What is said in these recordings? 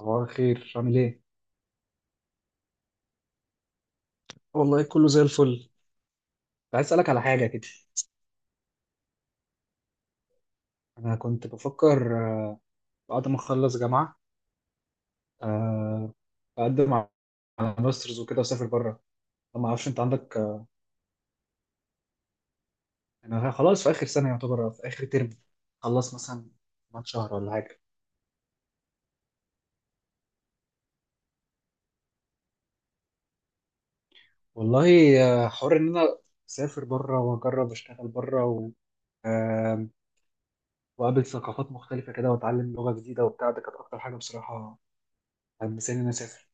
صباح الخير، عامل ايه؟ والله كله زي الفل. كنت عايز اسألك على حاجة كده. أنا كنت بفكر بعد ما أخلص جامعة آه، أقدم على ماسترز وكده وأسافر بره. ما أعرفش أنت عندك يعني أنا خلاص في آخر سنة يعتبر، في آخر ترم. خلص مثلا كمان شهر ولا حاجة. والله حوار إن أنا أسافر بره وأجرب أشتغل بره و... آه، وأقابل ثقافات مختلفة كده وأتعلم لغة جديدة وبتاع. ده كانت أكتر حاجة بصراحة حمساني إن أنا أسافر.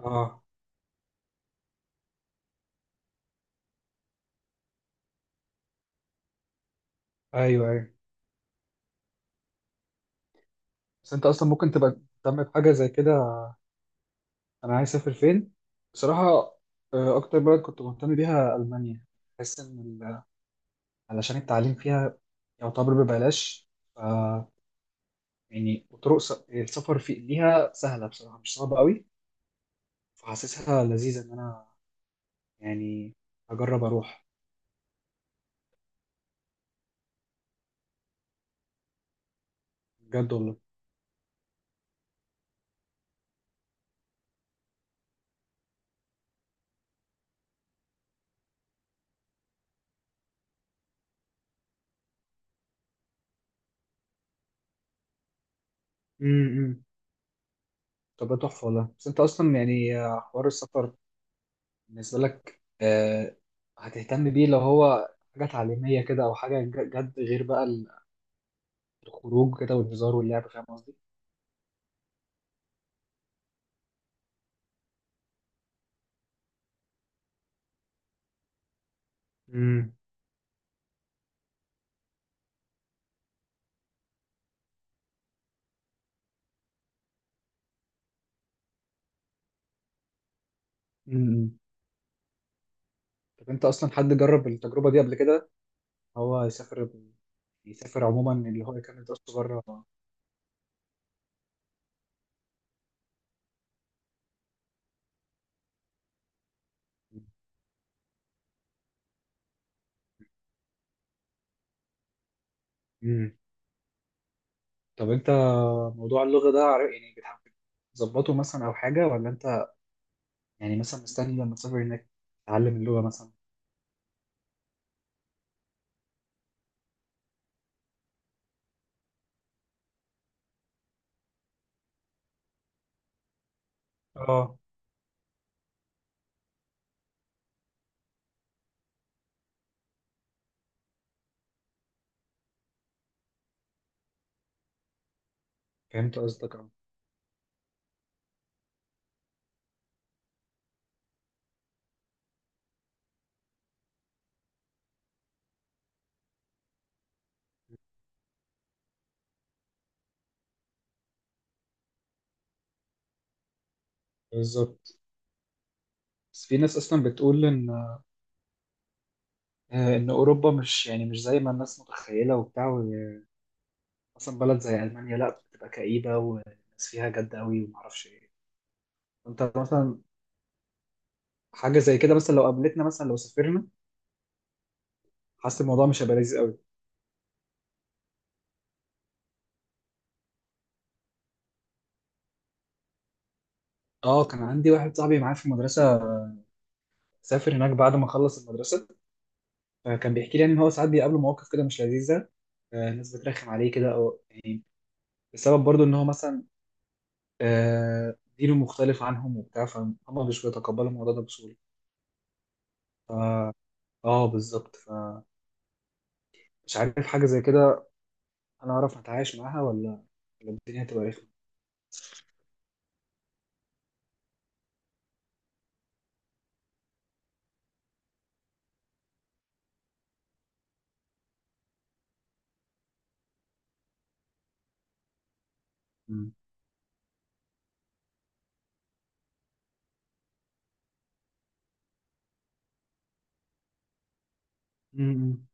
آه، أيوه أيوه. بس انت اصلا ممكن تبقى مهتم بحاجه زي كده؟ انا عايز اسافر فين؟ بصراحه اكتر بلد كنت مهتم بيها المانيا. بحس ان علشان التعليم فيها يعتبر ببلاش، ف يعني وطرق السفر في ليها سهله بصراحه، مش صعبه قوي. فحاسسها لذيذه ان انا يعني اجرب اروح. بجد والله. امم. طب ده تحفه والله. بس انت اصلا يعني حوار السفر بالنسبه لك، هتهتم بيه لو هو حاجه تعليميه كده، او حاجه جد غير بقى الخروج كده والهزار واللعب، فاهم قصدي؟ امم. امم. طب انت اصلا حد جرب التجربه دي قبل كده؟ هو يسافر، يسافر عموما، اللي هو يكمل دراسته بره. امم. طب انت موضوع اللغه ده، يعني بتحب تظبطه مثلا او حاجه، ولا انت يعني مثلا مستني لما تسافر هناك تتعلم اللغه مثلا؟ اه، فهمت قصدك اه. بالظبط. بس في ناس اصلا بتقول ان ان اوروبا مش يعني مش زي ما الناس متخيله وبتاع. مثلا بلد زي ألمانيا، لا، بتبقى كئيبة والناس فيها جد قوي ومعرفش ايه. انت مثلا حاجة زي كده مثلا لو قابلتنا، مثلا لو سافرنا، حاسس الموضوع مش هيبقى لذيذ قوي. اه، كان عندي واحد صاحبي معايا في المدرسة، سافر هناك بعد ما خلص المدرسة، فكان بيحكي لي يعني ان هو ساعات بيقابله مواقف كده مش لذيذة. الناس بترخم عليه كده، او يعني بسبب برضو ان هو مثلا دينه مختلف عنهم وبتاع، فهم مش بيتقبلوا الموضوع ده بسهولة. اه بالظبط. فمش عارف حاجة زي كده انا اعرف اتعايش معاها، ولا ولا الدنيا هتبقى رخمة. مم. مم.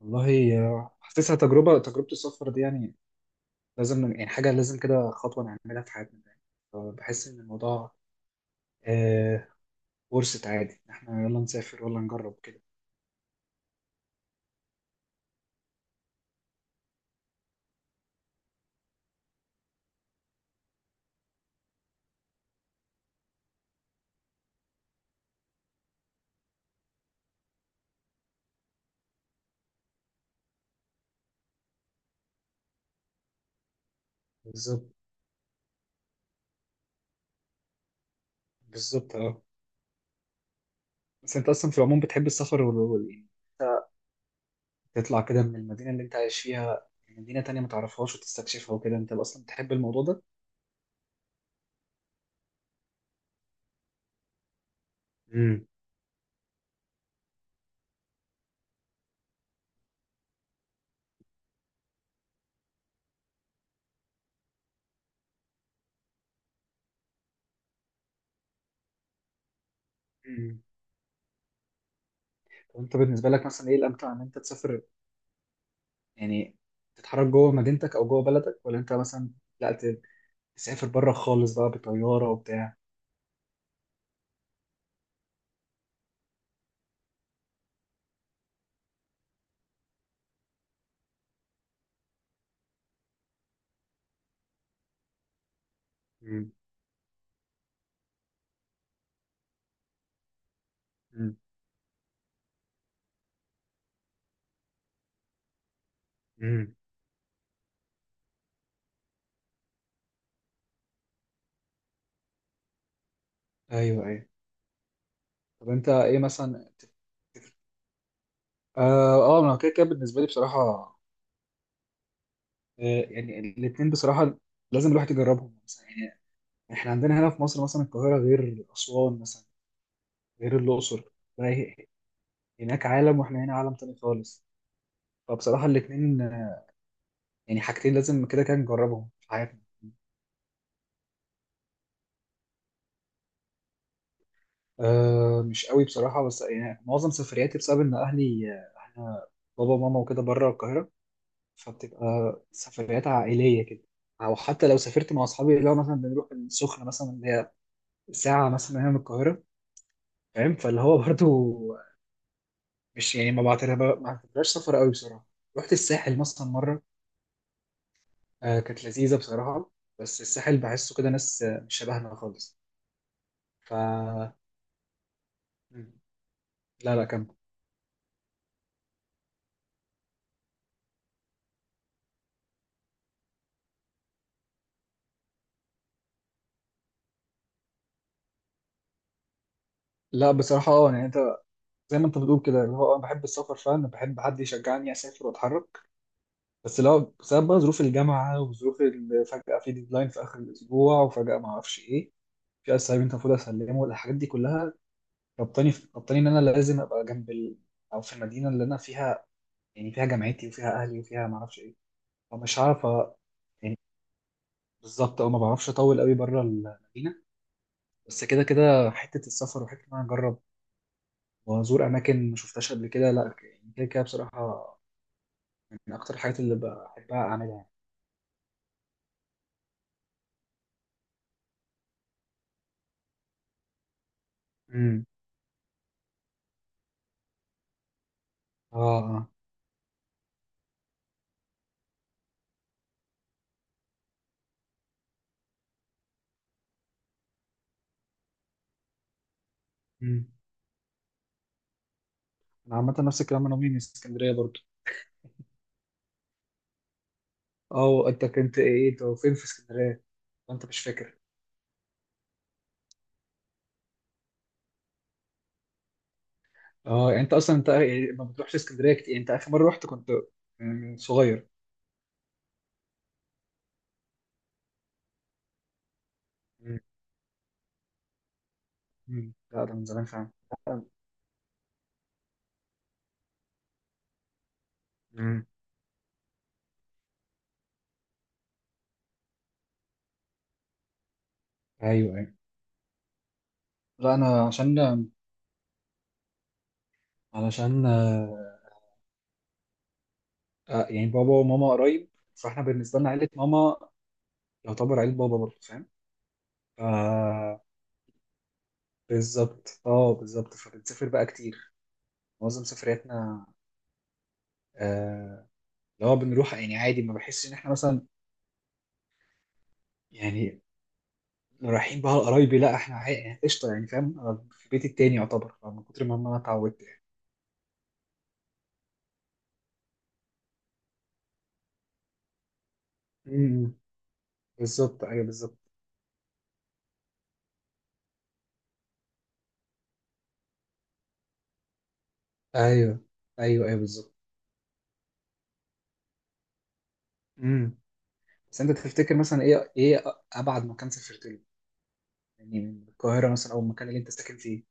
والله حاسسها تجربة، تجربة السفر دي يعني لازم، يعني حاجة لازم كده خطوة نعملها في حياتنا يعني. فبحس إن الموضوع آه ورثة عادي إن إحنا يلا نسافر ولا نجرب كده. بالظبط. بالظبط أه. بس أنت أصلا في العموم بتحب السفر وال يعني تطلع كده من المدينة اللي أنت عايش فيها، يعني مدينة تانية ما تعرفهاش وتستكشفها وكده، أنت أصلا بتحب الموضوع ده؟ امم. امم. طب أنت بالنسبة لك مثلا إيه الأمتع، إن أنت تسافر يعني تتحرك جوه مدينتك أو جوه بلدك، ولا أنت مثلا، لا، تسافر بره خالص بقى بطيارة وبتاع؟ مم. مم. مم. ايوه ايوه. طب انت ايه مثلا تفتكر؟ اه. اه انا كده كده بالنسبه لي بصراحه، آه يعني الاثنين بصراحه لازم الواحد يجربهم مثلا. يعني احنا عندنا هنا في مصر مثلا، القاهره غير اسوان مثلا، غير الاقصر. فهي- هناك عالم واحنا هنا عالم تاني خالص. فبصراحه الاثنين يعني حاجتين لازم كده كده نجربهم في حياتنا. آه مش قوي بصراحه، بس يعني معظم سفرياتي بسبب ان اهلي، احنا بابا وماما وكده بره القاهره، فبتبقى سفريات عائليه كده. او حتى لو سافرت مع اصحابي، اللي هو مثلا بنروح السخنه مثلا، اللي هي ساعه مثلا هنا من القاهره، فاهم، فاللي هو برضو مش يعني، ما بعتبرها، ما بعتبرهاش سفر قوي بصراحه. رحت الساحل مثلا مره، آه كانت لذيذه بصراحه، بس الساحل بحسه كده ناس مش شبهنا خالص. ف مم. لا لا كان. لا بصراحه اه. يعني انت زي ما انت بتقول كده، اللي هو أنا بحب السفر فعلا، بحب حد يشجعني اسافر واتحرك. بس لو بسبب بقى ظروف الجامعه وظروف فجاه في ديدلاين في اخر الاسبوع، وفجاه ما اعرفش ايه، في اسايمنت المفروض اسلمه، الحاجات دي كلها ربطاني ان انا لازم ابقى جنب ال... او في المدينه اللي انا فيها يعني، فيها جامعتي وفيها اهلي وفيها ما اعرفش ايه. فمش عارف يعني بالظبط، او ما بعرفش اطول قوي بره المدينه. بس كده كده حته السفر وحته ان انا اجرب وازور اماكن ما شفتهاش قبل كده، لا يعني كده كده بصراحه من اكتر الحاجات اللي بحبها اعملها يعني. امم. اه. اه. مم. انا عامه نفس الكلام، انا مين من اسكندريه برضو. اه انت كنت ايه، انت فين في اسكندريه، انت مش فاكر؟ اه يعني انت اصلا انت يعني ما بتروحش اسكندريه كتير، يعني انت اخر مره رحت كنت من صغير؟ مم. مم. لا ده من زمان فعلا. مم. ايوه ايوه. لا انا عشان علشان يعني بابا وماما قريب، فاحنا بالنسبه لنا عيله ماما يعتبر عيله بابا برضه، فاهم؟ آه. بالظبط اه بالظبط. فبنسافر بقى كتير، معظم سفرياتنا آه، اللي هو بنروح يعني عادي. ما بحسش ان احنا مثلا يعني رايحين بقى لقرايبي، لا احنا يعني قشطه يعني، فاهم؟ أنا في بيتي التاني يعتبر، من كتر ما انا اتعودت يعني. امم. بالظبط ايوه بالظبط. ايوه ايوه ايوه بالظبط. امم. بس انت تفتكر مثلا ايه، ايه ابعد مكان سافرت له يعني من القاهره مثلا او المكان اللي انت ساكن فيه؟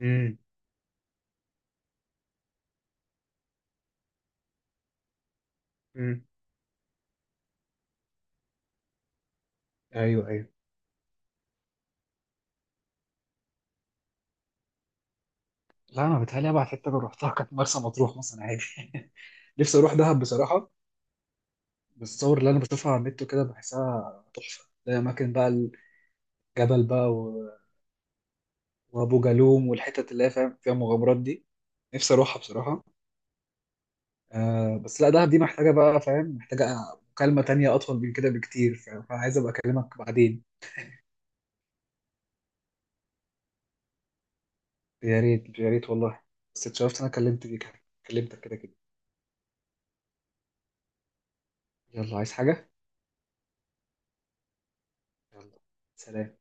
امم. امم. ايوه ايوه. لا انا بتهيألي ابعد حته انا رحتها كانت مرسى مطروح مثلا عادي نفسي اروح دهب بصراحه. بالصور اللي انا بشوفها على النت وكده بحسها تحفه، الاماكن بقى، الجبل بقى، وابو جالوم والحتت اللي هي فاهم فيها مغامرات دي، نفسي اروحها بصراحه. آه بس لا، دهب دي محتاجه بقى، فاهم، محتاجه مكالمه تانية اطول من كده بكتير، فاهم؟ فعايز ابقى اكلمك بعدين. يا ريت يا ريت والله. بس اتشرفت إن انا كلمت بيك، كلمتك كده كده. يلا، عايز حاجه؟ يلا. سلام.